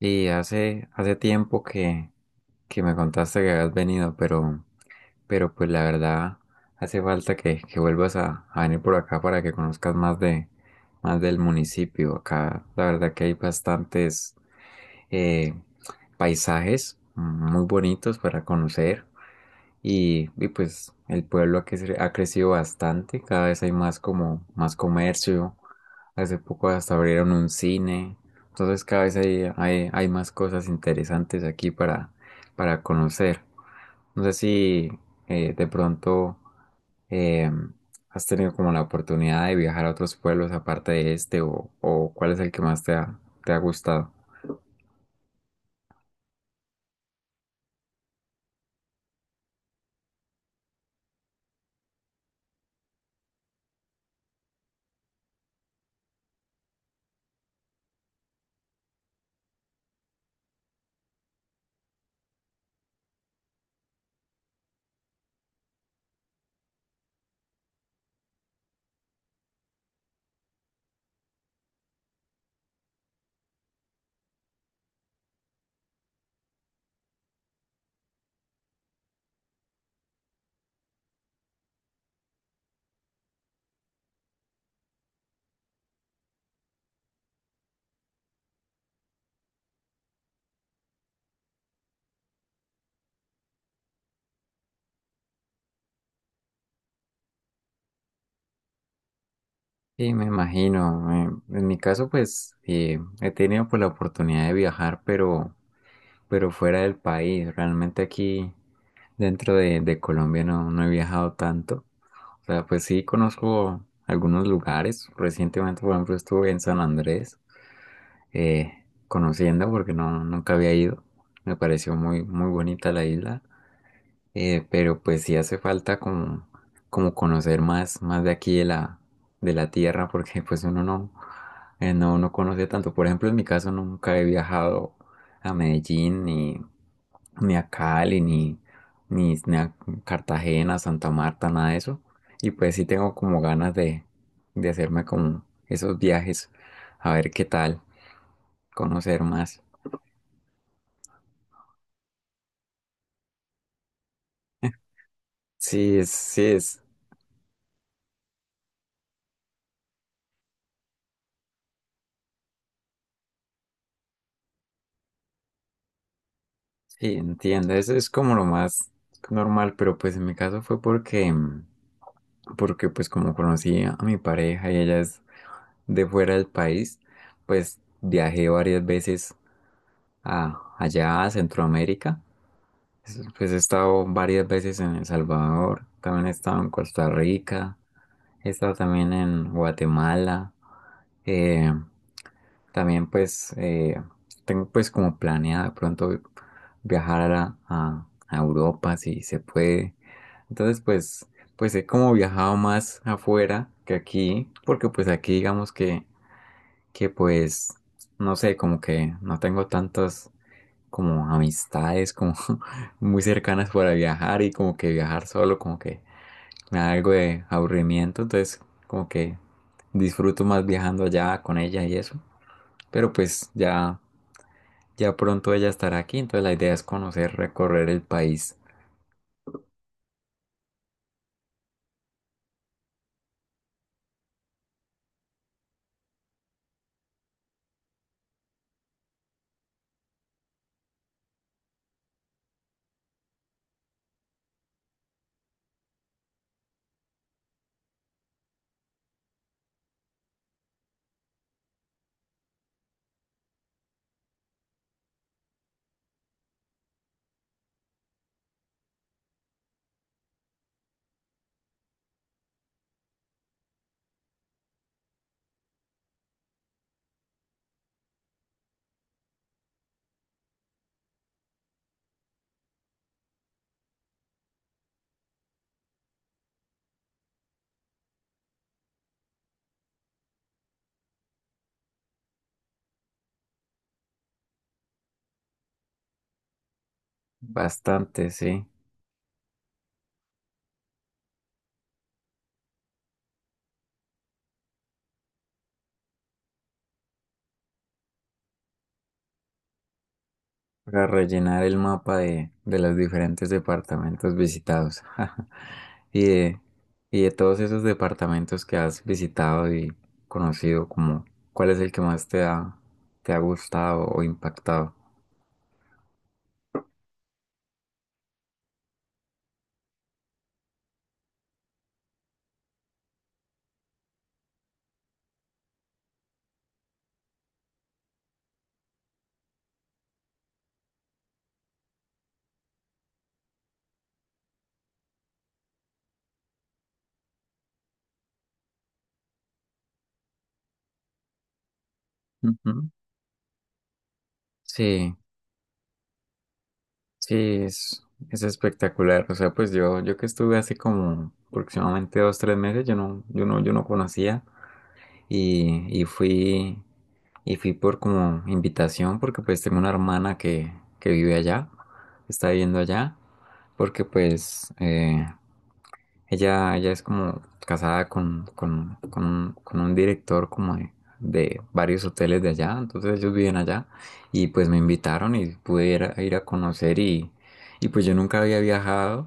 Y hace tiempo que me contaste que habías venido, pero pues la verdad hace falta que vuelvas a venir por acá para que conozcas más más del municipio. Acá la verdad que hay bastantes eh, paisajes muy bonitos para conocer. Y pues el pueblo ha crecido bastante, cada vez hay más como más comercio, hace poco hasta abrieron un cine, entonces cada vez hay más cosas interesantes aquí para conocer. No sé si de pronto eh, has tenido como la oportunidad de viajar a otros pueblos aparte de este o cuál es el que más te te ha gustado. Sí, me imagino. En mi caso, pues he tenido pues, la oportunidad de viajar, pero fuera del país. Realmente aquí dentro de Colombia no he viajado tanto. O sea, pues sí conozco algunos lugares. Recientemente, por ejemplo, estuve en San Andrés eh, conociendo porque nunca había ido. Me pareció muy, muy bonita la isla. Pero pues sí hace falta como conocer más de aquí de de la tierra porque pues uno no, no, no conoce tanto. Por ejemplo, en mi caso nunca he viajado a Medellín ni a Cali, ni a Cartagena, Santa Marta, nada de eso. Y pues sí tengo como ganas de hacerme como esos viajes, a ver qué tal, conocer más. Sí, es, sí, es, sí, Entiendo, eso es como lo más normal, pero pues en mi caso fue porque, porque pues como conocí a mi pareja y ella es de fuera del país, pues viajé varias veces allá a Centroamérica. Pues he estado varias veces en El Salvador, también he estado en Costa Rica, he estado también en Guatemala, eh, también pues tengo pues como planeado de pronto viajar a Europa si se puede. Entonces pues he como viajado más afuera que aquí, porque pues aquí digamos que pues no sé, como que no tengo tantos como amistades como muy cercanas para viajar y como que viajar solo como que me da algo de aburrimiento, entonces como que disfruto más viajando allá con ella y eso. Pero pues ya pronto ella estará aquí, entonces la idea es conocer, recorrer el país. Bastante, sí, para rellenar el mapa de los diferentes departamentos visitados. Y de, y de todos esos departamentos que has visitado y conocido, como, ¿cuál es el que más te te ha gustado o impactado? Ujú. Sí, sí, es espectacular. O sea, pues yo que estuve hace como aproximadamente dos, tres meses, yo no conocía y, y fui, y fui por como invitación porque pues tengo una hermana que vive allá, está viviendo allá, porque pues ella es como casada con un director como de varios hoteles de allá, entonces ellos viven allá y pues me invitaron y pude ir ir a conocer y pues yo nunca había viajado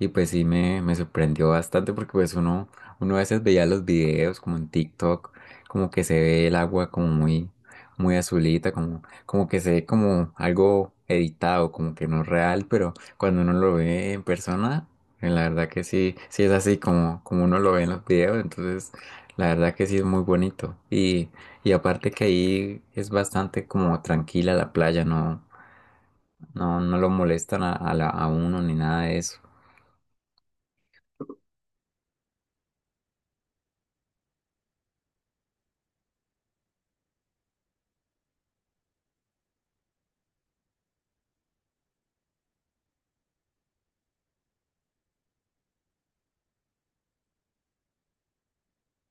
y pues sí me sorprendió bastante porque pues uno a veces veía los videos como en TikTok, como que se ve el agua como muy, muy azulita, como que se ve como algo editado, como que no es real, pero cuando uno lo ve en persona la verdad que sí, sí es así como, como uno lo ve en los videos, entonces la verdad que sí es muy bonito. Y aparte que ahí es bastante como tranquila la playa, no lo molestan a uno ni nada de eso.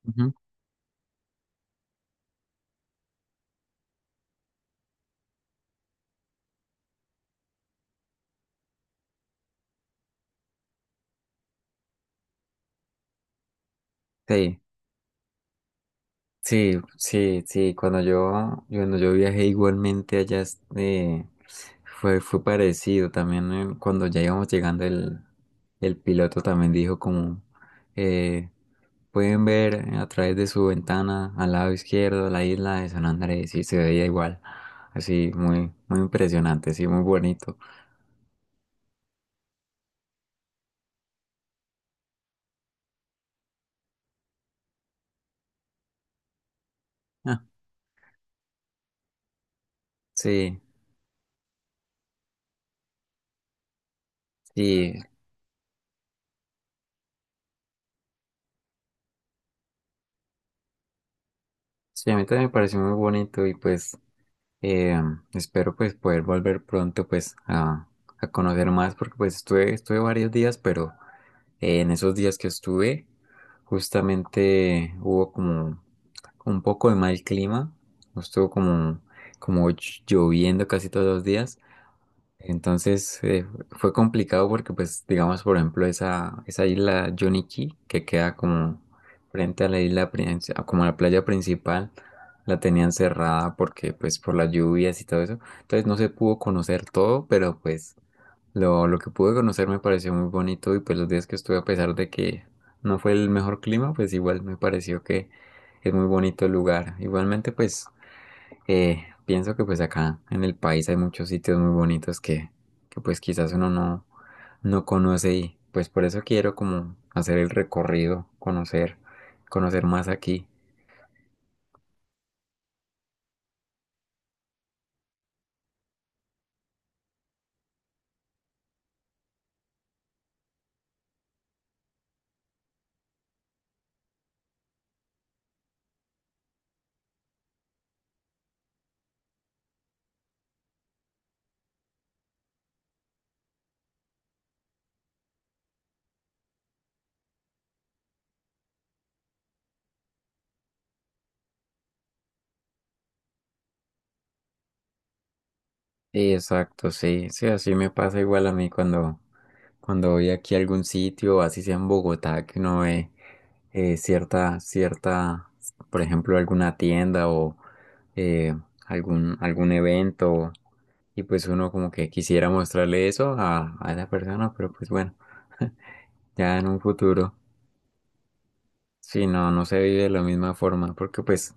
Ujú. Sí. Sí, sí, sí, cuando yo viajé igualmente allá eh, fue parecido. También cuando ya íbamos llegando el piloto también dijo como eh, pueden ver a través de su ventana al lado izquierdo la isla de San Andrés y se veía igual. Así muy, muy impresionante, sí, muy bonito. Ah, sí, sí, sí, a mí también me pareció muy bonito y pues Eh, espero pues poder volver pronto pues a conocer más porque pues estuve varios días, pero en esos días que estuve justamente hubo como un poco de mal clima, estuvo como lloviendo casi todos los días entonces fue complicado porque, pues, digamos, por ejemplo, esa isla Johnny Cay, que queda como frente a la isla, a como la playa principal, la tenían cerrada porque, pues, por las lluvias y todo eso. Entonces no se pudo conocer todo, pero pues lo que pude conocer me pareció muy bonito y pues los días que estuve, a pesar de que no fue el mejor clima, pues igual me pareció que es muy bonito el lugar. Igualmente, pues… pienso que pues acá en el país hay muchos sitios muy bonitos que pues quizás uno no conoce y pues por eso quiero como hacer el recorrido, conocer, conocer más aquí. Sí, exacto, sí, sí, así me pasa igual a mí cuando voy aquí a algún sitio, así sea en Bogotá, que uno ve cierta, por ejemplo, alguna tienda o eh, algún evento, y pues uno como que quisiera mostrarle eso a la persona, pero pues bueno, ya en un futuro. Sí, no, no se vive de la misma forma, porque pues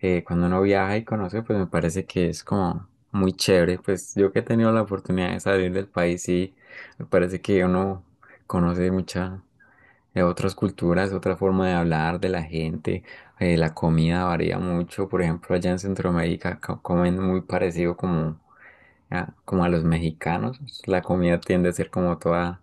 cuando uno viaja y conoce, pues me parece que es como muy chévere. Pues yo que he tenido la oportunidad de salir del país, sí, me parece que uno conoce mucha, de otras culturas, otra forma de hablar de la gente. La comida varía mucho, por ejemplo, allá en Centroamérica comen muy parecido como como a los mexicanos. La comida tiende a ser como toda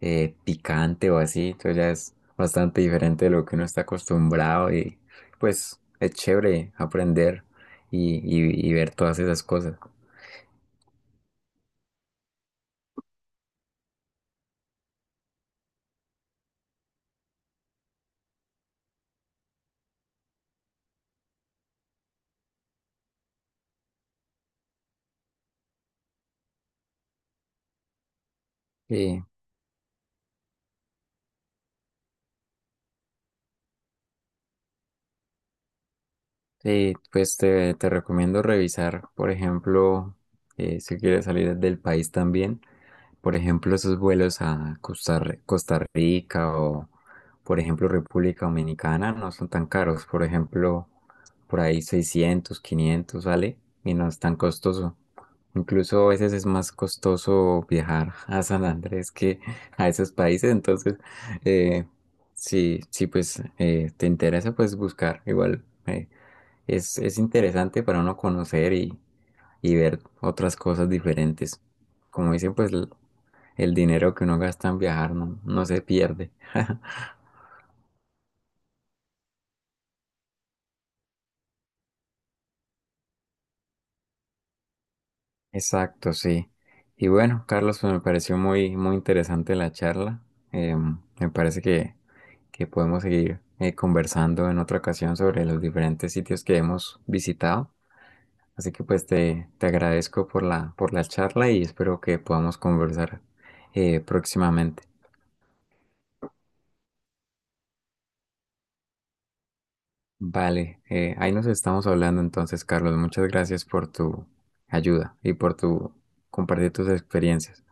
picante o así, entonces ya es bastante diferente de lo que uno está acostumbrado y pues es chévere aprender y ver todas esas cosas. Sí, pues te recomiendo revisar, por ejemplo, si quieres salir del país también, por ejemplo, esos vuelos a Costa Rica o, por ejemplo, República Dominicana no son tan caros, por ejemplo, por ahí 600, 500, sale y no es tan costoso. Incluso a veces es más costoso viajar a San Andrés que a esos países, entonces, eh, sí, pues te interesa, pues buscar igual. Es interesante para uno conocer y ver otras cosas diferentes. Como dicen, pues el dinero que uno gasta en viajar no se pierde. Exacto, sí. Y bueno, Carlos, pues me pareció muy, muy interesante la charla. Em, me parece que podemos seguir conversando en otra ocasión sobre los diferentes sitios que hemos visitado. Así que pues te agradezco por por la charla y espero que podamos conversar próximamente. Vale, ahí nos estamos hablando entonces, Carlos. Muchas gracias por tu ayuda y por tu compartir tus experiencias.